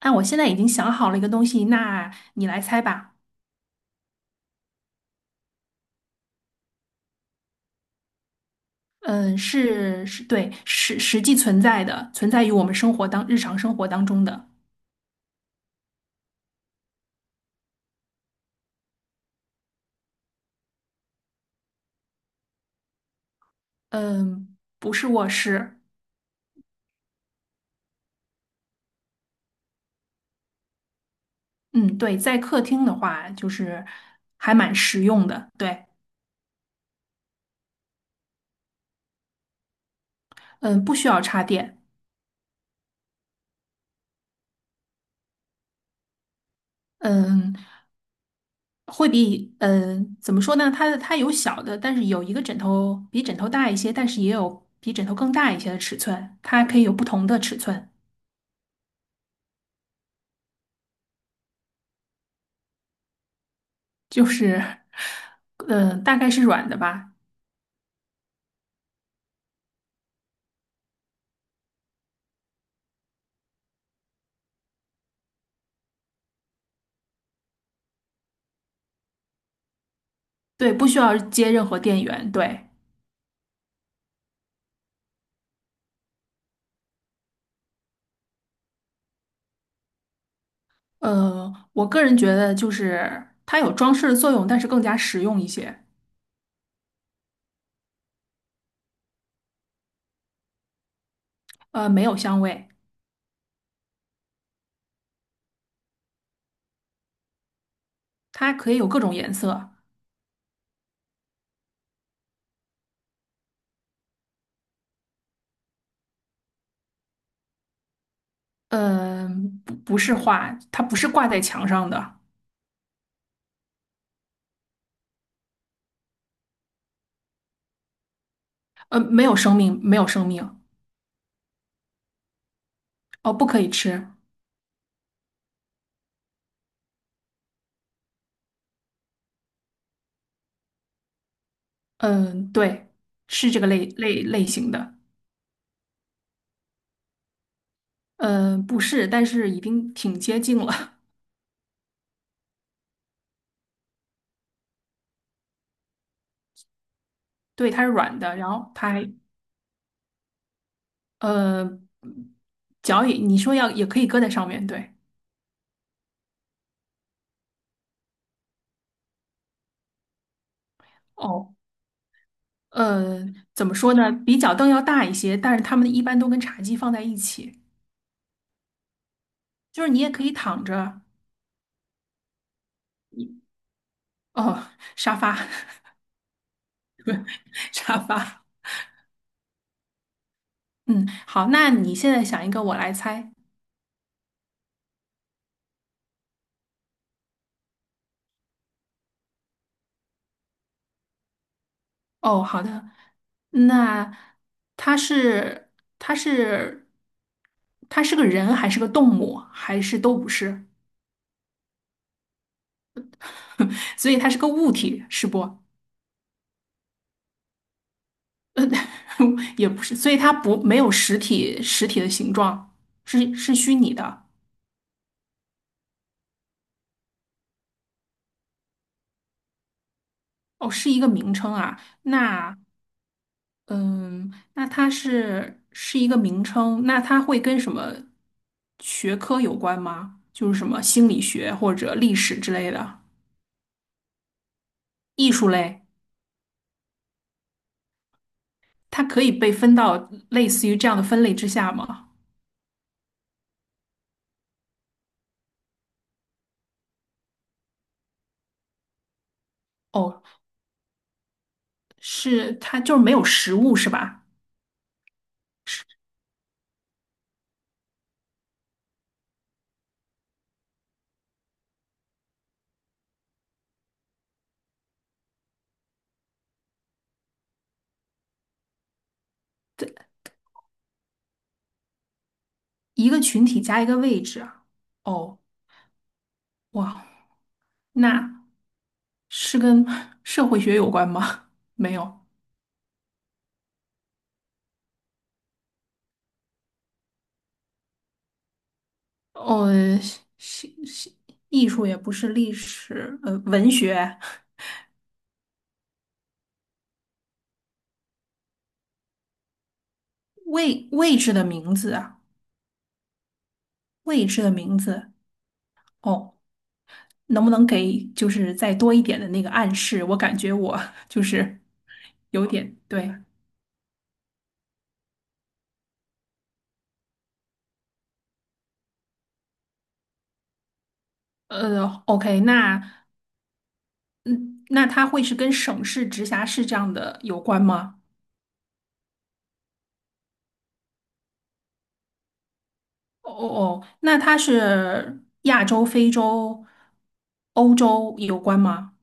啊，我现在已经想好了一个东西，那你来猜吧。对，实际存在的，存在于我们生活当日常生活当中的。嗯，不是卧室。嗯，对，在客厅的话，就是还蛮实用的。对，嗯，不需要插电。嗯，会比怎么说呢？它有小的，但是有一个枕头比枕头大一些，但是也有比枕头更大一些的尺寸，它可以有不同的尺寸。就是，嗯，大概是软的吧，对，不需要接任何电源，对，我个人觉得就是它有装饰的作用，但是更加实用一些，没有香味，它可以有各种颜色，嗯，不是画，它不是挂在墙上的，呃，没有生命，没有生命，哦，不可以吃，嗯、对，是这个类型的，嗯，不是，但是已经挺接近了，对，它是软的，然后它还呃，脚也，你说要也可以搁在上面，对。哦，呃，怎么说呢？比脚凳要大一些，但是它们一般都跟茶几放在一起，就是你也可以躺着。哦，沙发，沙发。嗯，好，那你现在想一个，我来猜。哦，好的。那它是它是它是个人还是个动物，还是都不是？所以它是个物体，是不？也不是，所以它不没有实体的形状，是虚拟的。哦，是一个名称啊。那嗯，那它是一个名称，那它会跟什么学科有关吗？就是什么心理学或者历史之类的艺术类，它可以被分到类似于这样的分类之下吗？哦，是它就是没有实物是吧？一个群体加一个位置啊哦，哇，那。是跟社会学有关吗？没有。哦，是是，艺术也不是历史，呃，文学位置的名字啊，位置的名字。哦，能不能给就是再多一点的那个暗示？我感觉我就是有点对。OK,那嗯，那它会是跟省市、直辖市这样的有关吗？哦哦，哦，那它是亚洲、非洲、欧洲有关吗？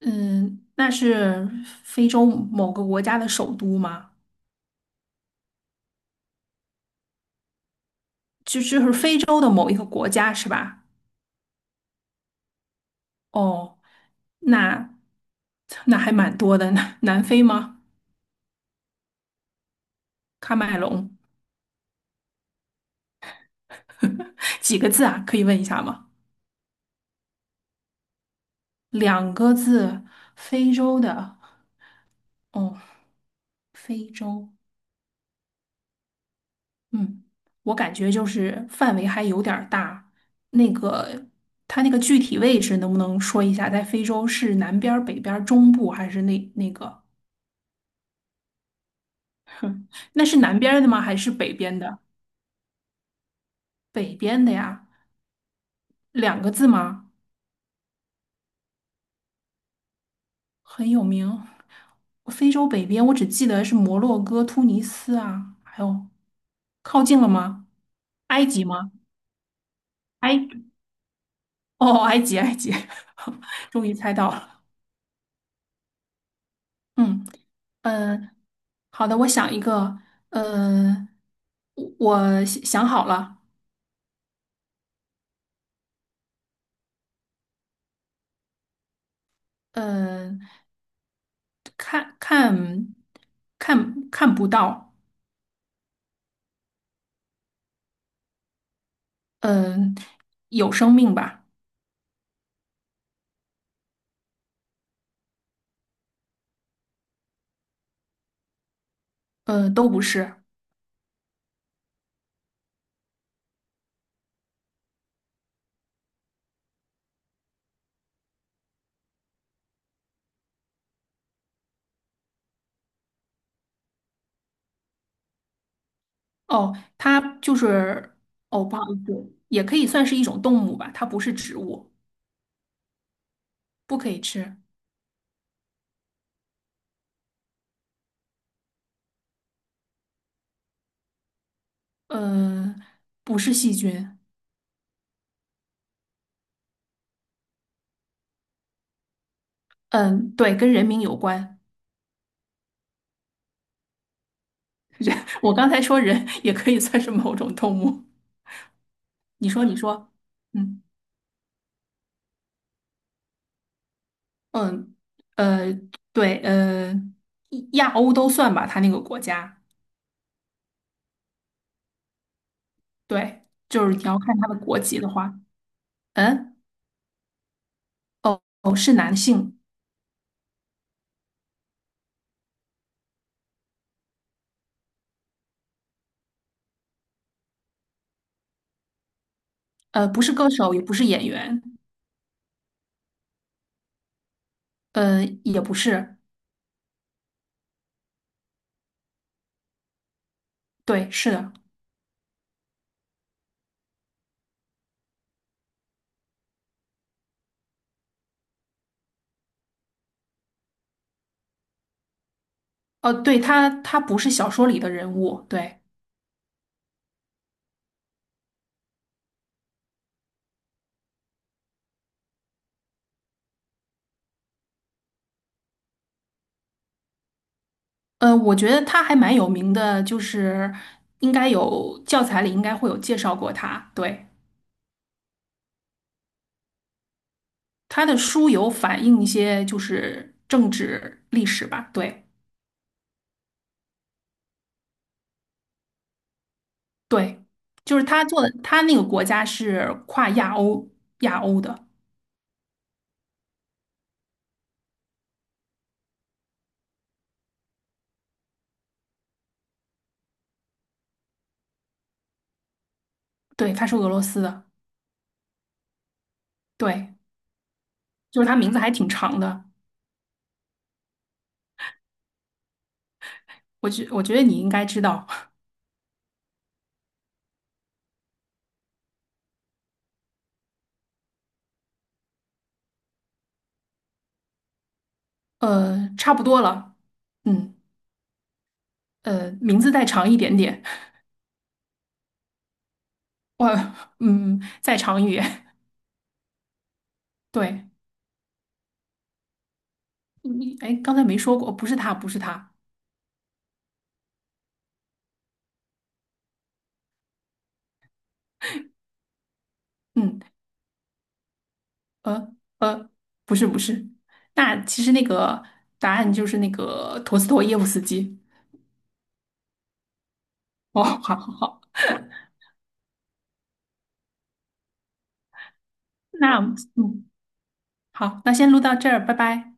嗯，那是非洲某个国家的首都吗？就就是非洲的某一个国家是吧？哦，那那还蛮多的。南非吗？喀麦隆，几个字啊？可以问一下吗？两个字，非洲的。哦，非洲。嗯，我感觉就是范围还有点儿大。那个，它那个具体位置能不能说一下？在非洲是南边儿、北边儿、中部还是那个？哼，那是南边儿的吗？还是北边的？北边的呀，两个字吗？很有名。非洲北边，我只记得是摩洛哥、突尼斯啊，还有靠近了吗？埃及吗？埃，哦，埃及，埃及，终于猜到了。嗯，呃，好的，我想一个，呃，我想好了，呃，看看看不到，嗯、有生命吧。呃，都不是。哦，它就是哦，不好意思，也可以算是一种动物吧，它不是植物，不可以吃。呃，不是细菌。嗯，对，跟人名有关。我刚才说人也可以算是某种动物。你说，你说，嗯嗯呃，对，亚欧都算吧，他那个国家。对，就是你要看他的国籍的话，嗯，哦哦，是男性，呃，不是歌手，也不是演员，呃，也不是。对，是的，哦，对，他他不是小说里的人物，对，我觉得他还蛮有名的，就是应该有教材里应该会有介绍过他，对，他的书有反映一些就是政治历史吧，对对，就是他做的，他那个国家是跨亚欧的，对，他是俄罗斯的，对，就是他名字还挺长的，我觉得你应该知道，呃，差不多了，嗯，呃，名字再长一点点。我嗯，在场语对，你哎，刚才没说过，不是他，不是他，嗯，呃呃，不是不是，那其实那个答案就是那个陀思妥耶夫斯基。哦，好好好，那嗯，好，那先录到这儿，拜拜。